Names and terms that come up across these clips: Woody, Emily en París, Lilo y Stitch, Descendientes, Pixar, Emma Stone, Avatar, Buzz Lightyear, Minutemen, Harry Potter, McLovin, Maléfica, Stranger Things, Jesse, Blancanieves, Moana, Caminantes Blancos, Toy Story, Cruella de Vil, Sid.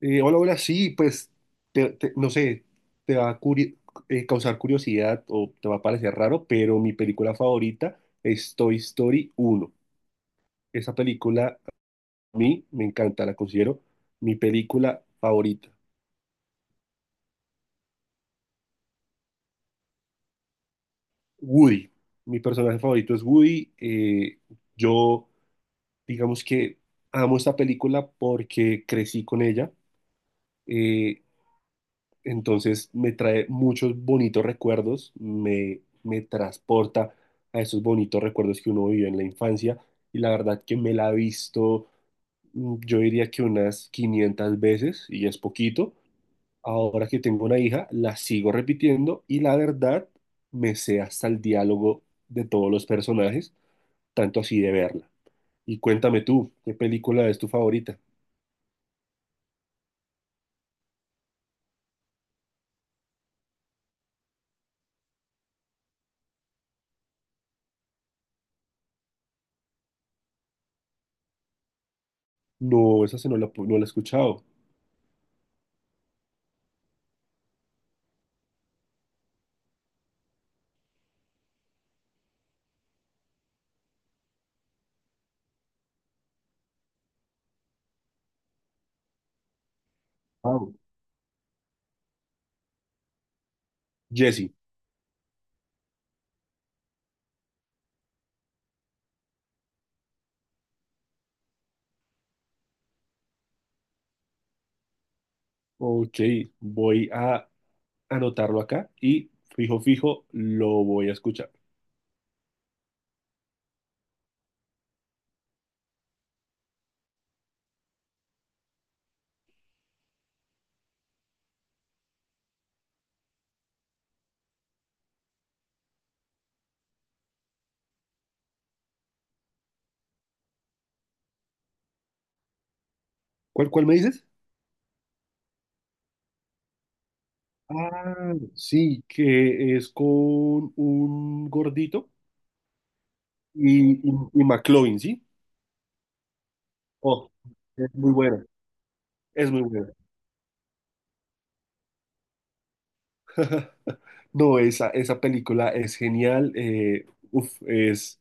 Hola, hola, sí, pues, no sé, te va a curi- causar curiosidad o te va a parecer raro, pero mi película favorita es Toy Story uno. Esa película a mí me encanta, la considero mi película favorita. Woody, mi personaje favorito es Woody. Yo, digamos que amo esta película porque crecí con ella. eh, Entonces me trae muchos bonitos recuerdos, me transporta a esos bonitos recuerdos que uno vivió en la infancia y la verdad que me la he visto, yo diría que unas 500 veces y es poquito. Ahora que tengo una hija, la sigo repitiendo y la verdad me sé hasta el diálogo de todos los personajes, tanto así de verla. Y cuéntame tú, ¿qué película es tu favorita? No, esa se no la, pu- no la he escuchado. Wow. Jesse. Ok, voy a anotarlo acá y fijo, fijo, lo voy a escuchar. ¿Cuál, cuál me dices? Ah, sí, que es con un gordito y McLovin, ¿sí? Oh, es muy buena, es muy buena. No, esa película es genial. Uf, es.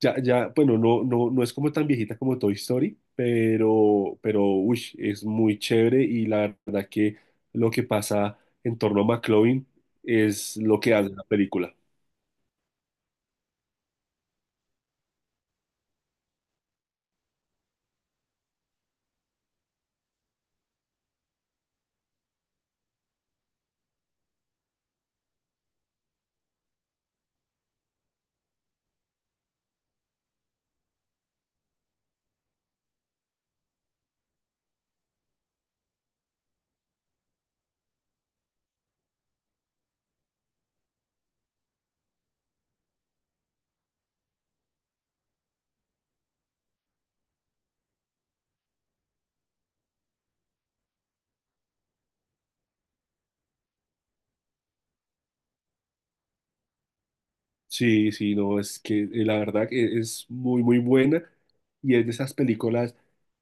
Ya, ya, bueno, no, no, no es como tan viejita como Toy Story, pero, uy, es muy chévere y la verdad que lo que pasa en torno a McLovin es lo que hace la película. Sí, sí, no, es que la verdad que es muy, muy buena y es de esas películas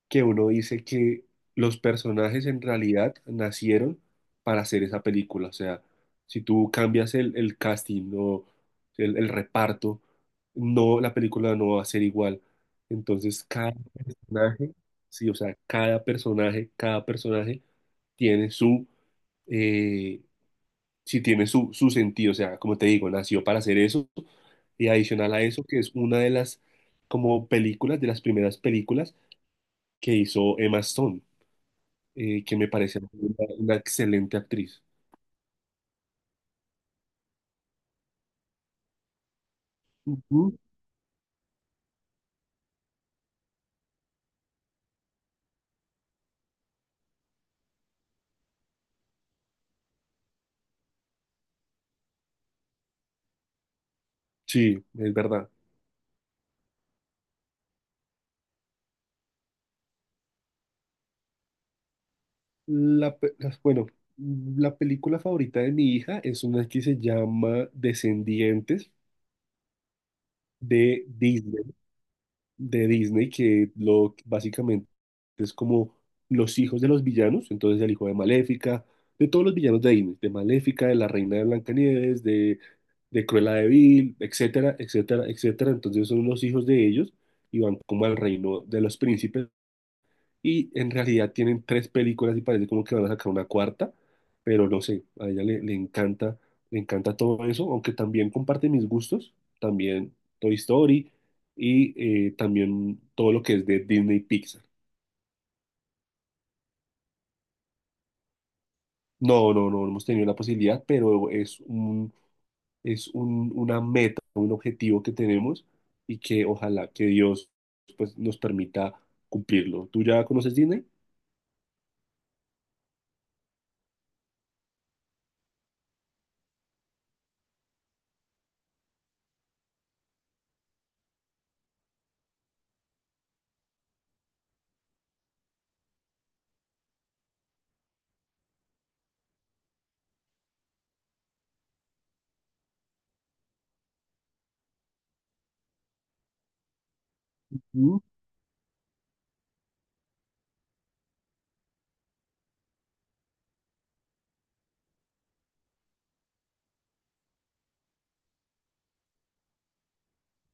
que uno dice que los personajes en realidad nacieron para hacer esa película. O sea, si tú cambias el casting o el reparto, no, la película no va a ser igual. Entonces, cada personaje, sí, o sea, cada personaje tiene eh, si tiene su, su sentido, o sea, como te digo, nació para hacer eso, y adicional a eso, que es una de las, como películas, de las primeras películas que hizo Emma Stone, que me parece una excelente actriz. Ujú. Sí, es verdad. Bueno, la película favorita de mi hija es una que se llama Descendientes de Disney. De Disney que lo básicamente es como los hijos de los villanos, entonces el hijo de Maléfica, de todos los villanos de Disney, de Maléfica, de la reina de Blancanieves, de Cruella de Vil, etcétera, etcétera, etcétera. Entonces son los hijos de ellos y van como al reino de los príncipes y en realidad tienen tres películas y parece como que van a sacar una cuarta, pero no sé, a ella le encanta todo eso, aunque también comparte mis gustos, también Toy Story y también todo lo que es de Disney y Pixar. No, no, no, no hemos tenido la posibilidad, pero es un, una meta, un objetivo que tenemos y que ojalá que Dios pues, nos permita cumplirlo. ¿Tú ya conoces Disney? Mm,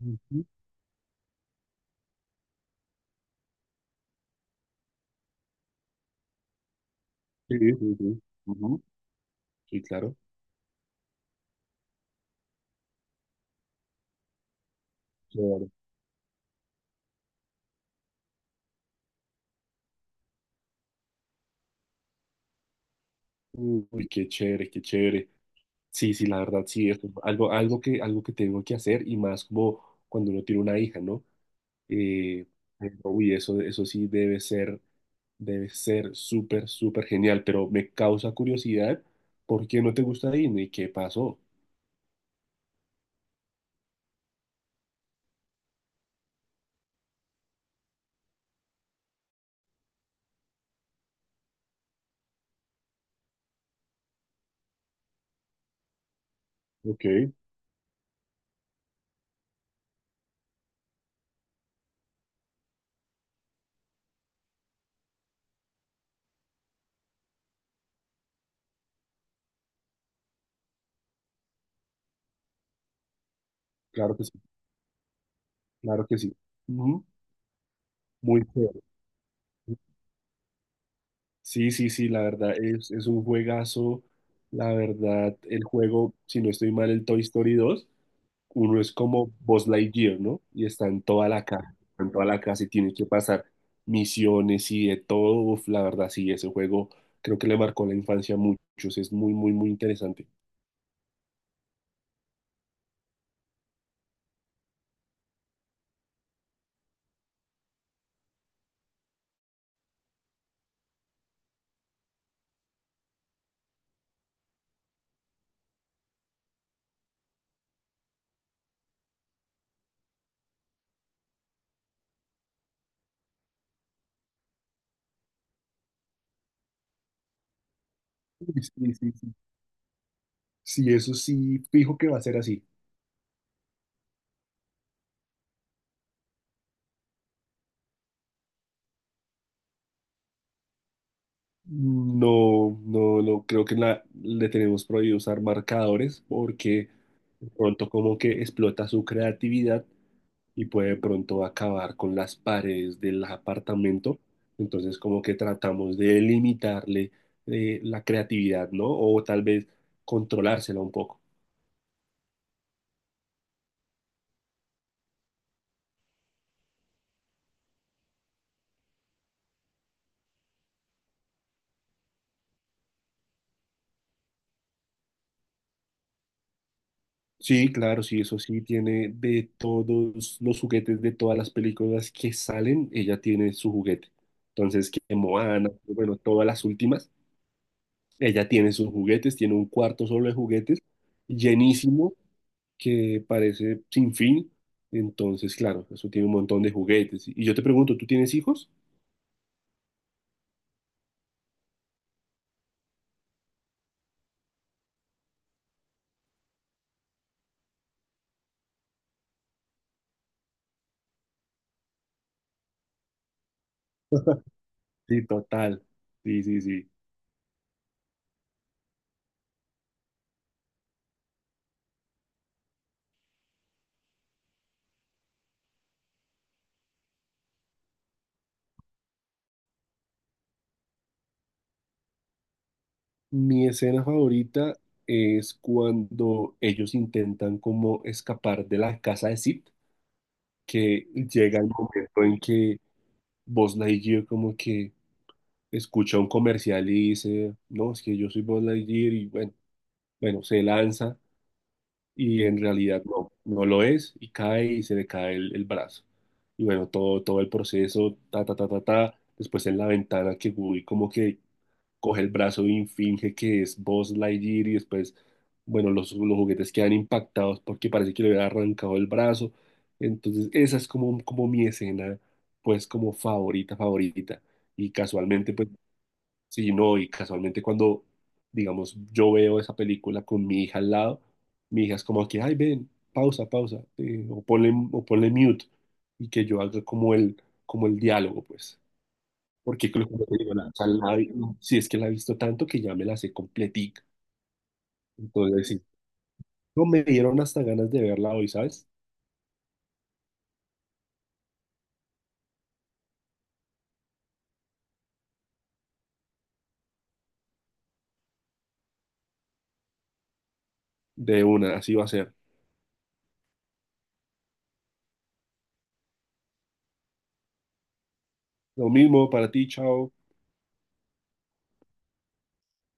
ujú. Sí, sí, sí. Ujú. Sí, claro. Uy, qué chévere, qué chévere. Sí, sí, la verdad, sí, es algo, algo que tengo que hacer y más como cuando uno tiene una hija, ¿no? Eh, pero, uy, eso sí debe ser súper, súper genial, pero me causa curiosidad, ¿por qué no te gusta Disney? ¿Qué pasó? Ok, claro que sí, claro que sí. Ujú. Muy chévere. Sí, sí, sí, la verdad es un juegazo. La verdad, el juego, si no estoy mal, el Toy Story dos. Uno es como Buzz Lightyear, ¿no? Y está en toda la casa, en toda la casa y tiene que pasar misiones y de todo. Uf, la verdad, sí, ese juego creo que le marcó la infancia a muchos. Es muy, muy, muy interesante. Uy, sí, sí, sí. Sí, eso sí, fijo que va a ser así. No, no, no, creo que le tenemos prohibido usar marcadores porque de pronto como que explota su creatividad y puede de pronto acabar con las paredes del apartamento. Entonces, como que tratamos de limitarle la creatividad, ¿no? O tal vez controlársela un poco. Sí, claro, sí, eso sí, tiene de todos los juguetes de todas las películas que salen, ella tiene su juguete. Entonces, que Moana, bueno, todas las últimas, ella tiene sus juguetes, tiene un cuarto solo de juguetes, llenísimo, que parece sin fin. Entonces, claro, eso tiene un montón de juguetes. Y yo te pregunto, ¿tú tienes hijos? Sí, total. Sí, sí, sí. Mi escena favorita es cuando ellos intentan como escapar de la casa de Sid, que llega el momento en que Buzz Lightyear como que escucha un comercial y dice, no, es que yo soy Buzz Lightyear y bueno, bueno, se lanza y en realidad no, no lo es y cae y se le cae el brazo. Y bueno, todo, todo el proceso, ta, ta, ta, ta, ta, después en la ventana que Woody como que coge el brazo y finge que es Buzz Lightyear y después, bueno, los juguetes quedan impactados porque parece que le había arrancado el brazo. Entonces, esa es como, como mi escena, pues como favorita, favorita. Y casualmente, pues sí, no, y casualmente cuando, digamos, yo veo esa película con mi hija al lado, mi hija es como aquí, ay, ven, pausa, pausa, o ponle mute, y que yo haga como el diálogo, pues. Porque creo que como te digo, la, o sea, la vi- si es que la he visto tanto que ya me la sé completica. Entonces, sí, no me dieron hasta ganas de verla hoy, ¿sabes? De una, así va a ser. Lo mismo para ti, chao.